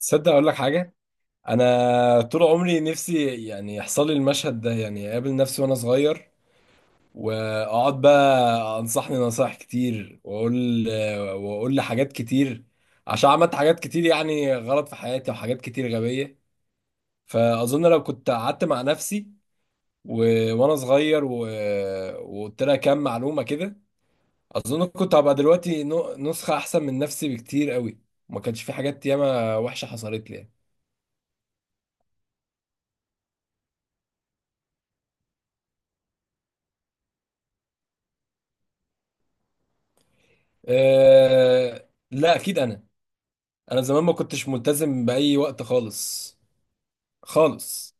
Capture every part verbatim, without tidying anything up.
تصدق اقول لك حاجه. انا طول عمري نفسي يعني يحصل لي المشهد ده، يعني اقابل نفسي وانا صغير واقعد بقى انصحني نصايح كتير، واقول واقول لي حاجات كتير، عشان عملت حاجات كتير يعني غلط في حياتي وحاجات كتير غبيه. فاظن لو كنت قعدت مع نفسي و... وانا صغير و... وقلت لها كام معلومه كده، اظن كنت هبقى دلوقتي نو- نسخه احسن من نفسي بكتير قوي، ما كانش في حاجات ياما وحشه حصلت لي يعني. أه لا اكيد انا. انا زمان ما كنتش ملتزم باي وقت خالص، خالص.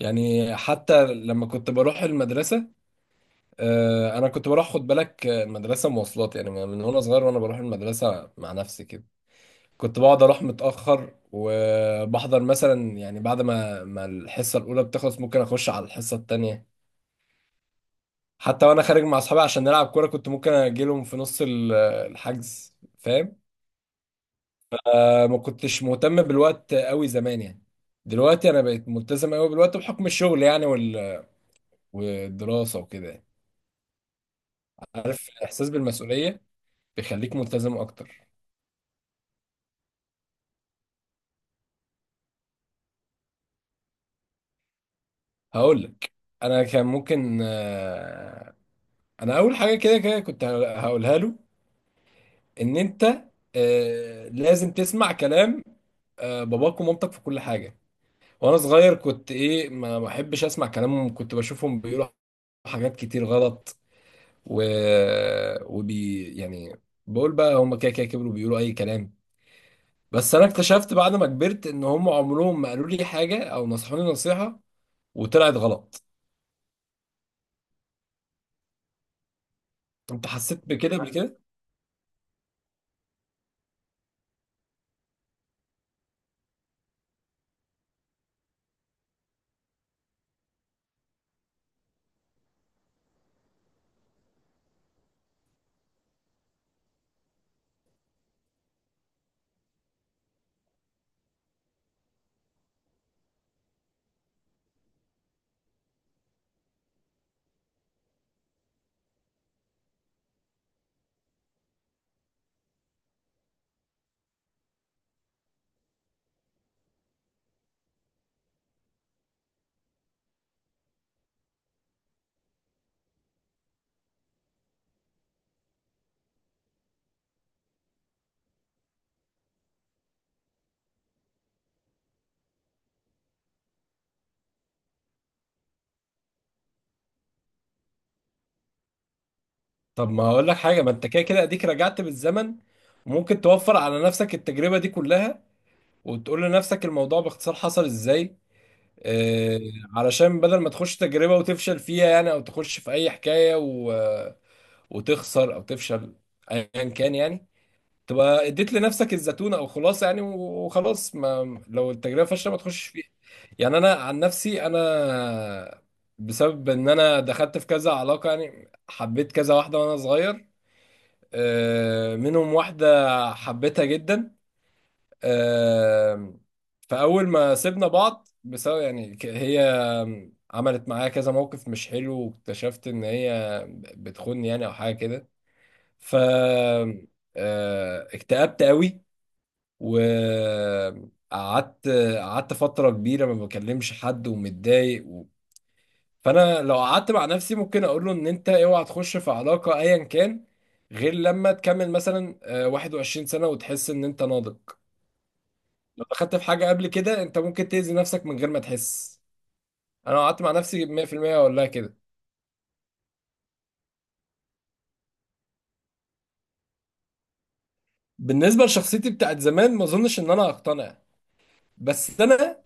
يعني حتى لما كنت بروح المدرسه، أه انا كنت بروح، خد بالك آه، المدرسه مواصلات يعني من وانا صغير، وانا بروح المدرسه مع نفسي كده كنت بقعد اروح متاخر، وبحضر مثلا يعني بعد ما ما الحصه الاولى بتخلص ممكن اخش على الحصه التانيه. حتى وانا خارج مع اصحابي عشان نلعب كوره كنت ممكن اجيلهم في نص ال- الحجز، فاهم؟ ما كنتش مهتم بالوقت قوي زمان يعني. دلوقتي انا بقيت ملتزم قوي بالوقت بحكم الشغل يعني وال... والدراسه وكده يعني. عارف الاحساس بالمسؤوليه بيخليك ملتزم اكتر. هقول لك، انا كان ممكن آه، انا اول حاجه كده كده كنت هقولها له، ان انت آه، لازم تسمع كلام آه، باباك ومامتك في كل حاجه. وانا صغير كنت ايه، ما بحبش اسمع كلامهم، كنت بشوفهم بيقولوا حاجات كتير غلط و... وبي يعني، بقول بقى هم كده كده كبروا بيقولوا اي كلام. بس انا اكتشفت بعد ما كبرت ان هم عمرهم ما قالوا لي حاجه او نصحوني نصيحه وطلعت غلط. انت حسيت بكده قبل كده؟ طب ما هقول لك حاجه، ما انت كده كده اديك رجعت بالزمن وممكن توفر على نفسك التجربه دي كلها وتقول لنفسك الموضوع باختصار حصل ازاي. آه، علشان بدل ما تخش تجربه وتفشل فيها يعني، او تخش في اي حكايه و... وتخسر او تفشل، ايا كان يعني، تبقى اديت لنفسك الزتونه او خلاصه يعني، وخلاص ما لو التجربه فاشله ما تخشش فيها. يعني انا عن نفسي، انا بسبب ان انا دخلت في كذا علاقه يعني، حبيت كذا واحده وانا صغير، آه، منهم واحده حبيتها جدا، آه، فاول ما سيبنا بعض بسبب يعني ك- هي عملت معايا كذا موقف مش حلو، واكتشفت ان هي بتخوني يعني او حاجه كده. ف آه، اكتئبت قوي وقعدت، قعدت فترة كبيرة ما بكلمش حد ومتضايق و... فأنا لو قعدت مع نفسي ممكن أقول له إن أنت أوعى تخش في علاقة أيا كان، غير لما تكمل مثلا آه، واحد وعشرين سنة وتحس إن أنت ناضج. لو دخلت في حاجة قبل كده أنت ممكن تأذي نفسك من غير ما تحس. أنا لو قعدت مع نفسي ميه في الميه أقول لها كده. بالنسبة لشخصيتي بتاعت زمان ما أظنش إن أنا هقتنع، بس أنا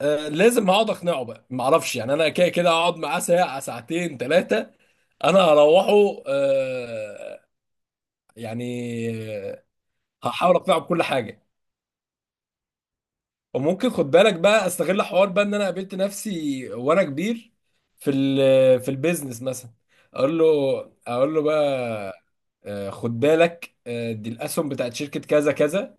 آه، لازم هقعد اقنعه بقى، ما اعرفش يعني، انا كده كده هقعد معاه ساعه ساعتين ثلاثه. انا هروحه آه، يعني آه، هحاول اقنعه بكل حاجه. وممكن، خد بالك بقى، استغل حوار بقى ان انا قابلت نفسي وانا كبير في ال- في البيزنس مثلا، اقول له، اقول له بقى آه، خد بالك، آه، دي الاسهم بتاعت شركه كذا كذا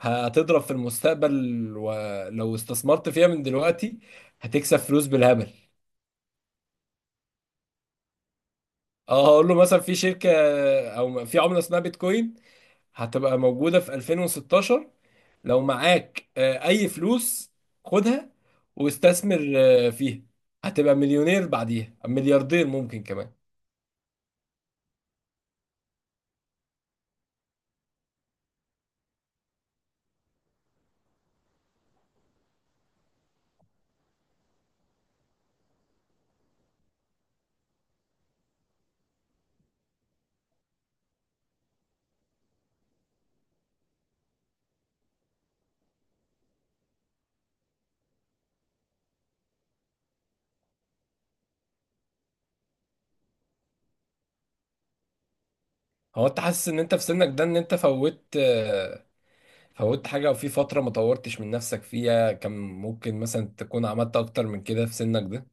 هتضرب في المستقبل، ولو استثمرت فيها من دلوقتي هتكسب فلوس بالهبل. اه هقول له مثلا في شركة او في عملة اسمها بيتكوين، هتبقى موجودة في ألفين وستاشر، لو معاك آه، اي فلوس خدها واستثمر آه، فيها، هتبقى مليونير بعديها ملياردير ممكن كمان. هو انت حاسس ان انت في سنك ده ان انت فوت آه، فوت حاجة، وفي فترة ما طورتش من نفسك فيها كان ممكن مثلا تكون عملت اكتر من كده في سنك ده؟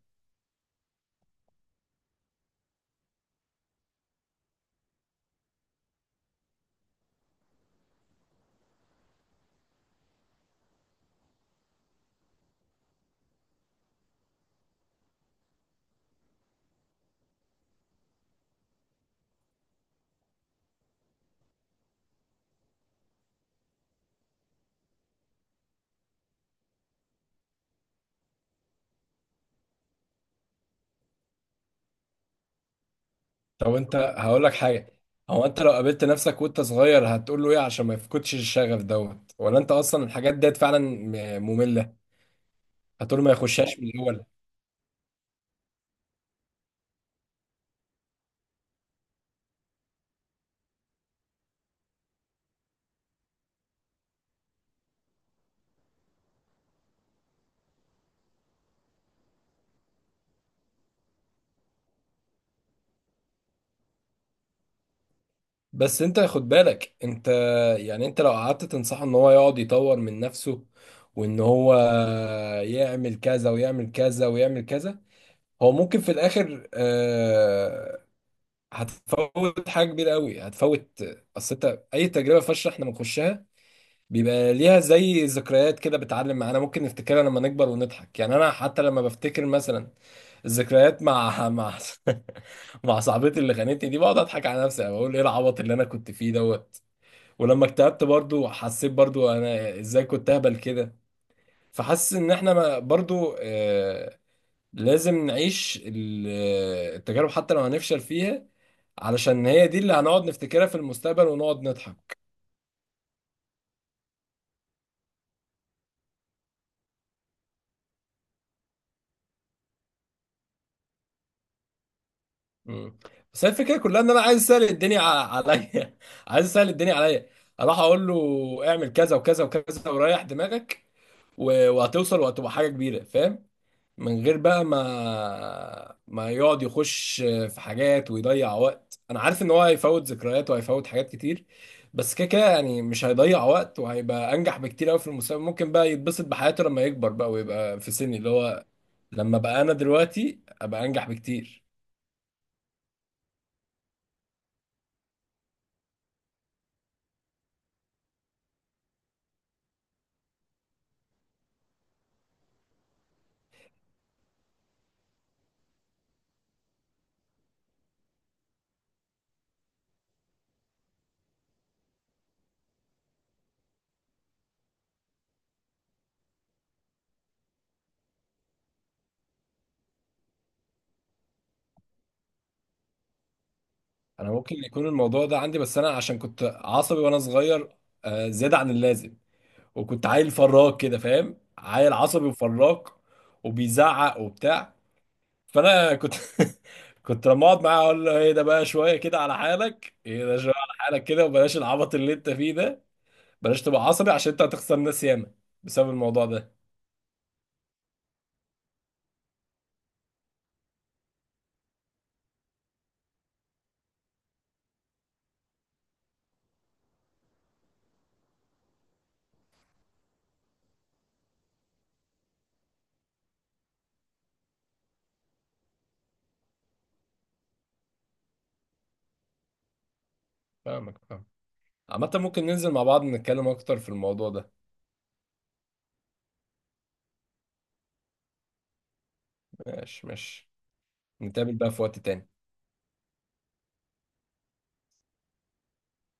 طب انت هقول لك حاجه، هو انت لو قابلت نفسك وانت صغير هتقول له ايه عشان ما يفقدش الشغف دوت؟ ولا انت اصلا الحاجات ديت فعلا م- ممله؟ هتقول ما يخشهاش من الاول؟ بس انت خد بالك انت، يعني انت لو قعدت تنصحه ان هو يقعد يطور من نفسه وان هو يعمل كذا ويعمل كذا ويعمل كذا، هو ممكن في الاخر آه، هتفوت حاجه كبيره قوي هتفوت. اصل انت اي تجربه فاشله احنا بنخشها بيبقى ليها زي ذكريات كده بتعلم معانا، ممكن نفتكرها لما نكبر ونضحك. يعني انا حتى لما بفتكر مثلا الذكريات مع مع مع صاحبتي اللي خانتني دي بقعد اضحك على نفسي، بقول ايه العبط اللي انا كنت فيه دوت. ولما اكتئبت برضو، حسيت برضو انا ازاي كنت اهبل كده. فحاسس ان احنا ما- برضو آه، لازم نعيش ال- التجارب حتى لو هنفشل فيها، علشان هي دي اللي هنقعد نفتكرها في المستقبل ونقعد نضحك. مم. بس هي الفكره كلها ان انا عايز اسهل الدنيا ع- عليا. عايز اسهل الدنيا عليا، اروح اقول له اعمل كذا وكذا وكذا وريح دماغك، و- وهتوصل وهتبقى حاجه كبيره، فاهم؟ من غير بقى ما ما يقعد يخش في حاجات ويضيع وقت. انا عارف ان هو هيفوت ذكريات وهيفوت حاجات كتير، بس كده كده يعني مش هيضيع وقت وهيبقى انجح بكتير قوي في المستقبل، ممكن بقى يتبسط بحياته لما يكبر بقى ويبقى في سني اللي هو، لما بقى انا دلوقتي ابقى انجح بكتير. انا ممكن يكون الموضوع ده عندي، بس انا عشان كنت عصبي وانا صغير آه، زيادة عن اللازم، وكنت عيل فراك كده، فاهم؟ عيل عصبي وفراك وبيزعق وبتاع. فانا كنت، كنت لما اقعد معاه اقول له ايه ده بقى، شويه كده على حالك، ايه ده شويه على حالك كده، وبلاش العبط اللي انت فيه ده، بلاش تبقى عصبي عشان انت هتخسر ناس ياما بسبب الموضوع ده. فاهمك، فاهم. عامة ممكن ننزل مع بعض نتكلم اكتر في الموضوع ده. ماشي ماشي، نتقابل بقى في وقت تاني.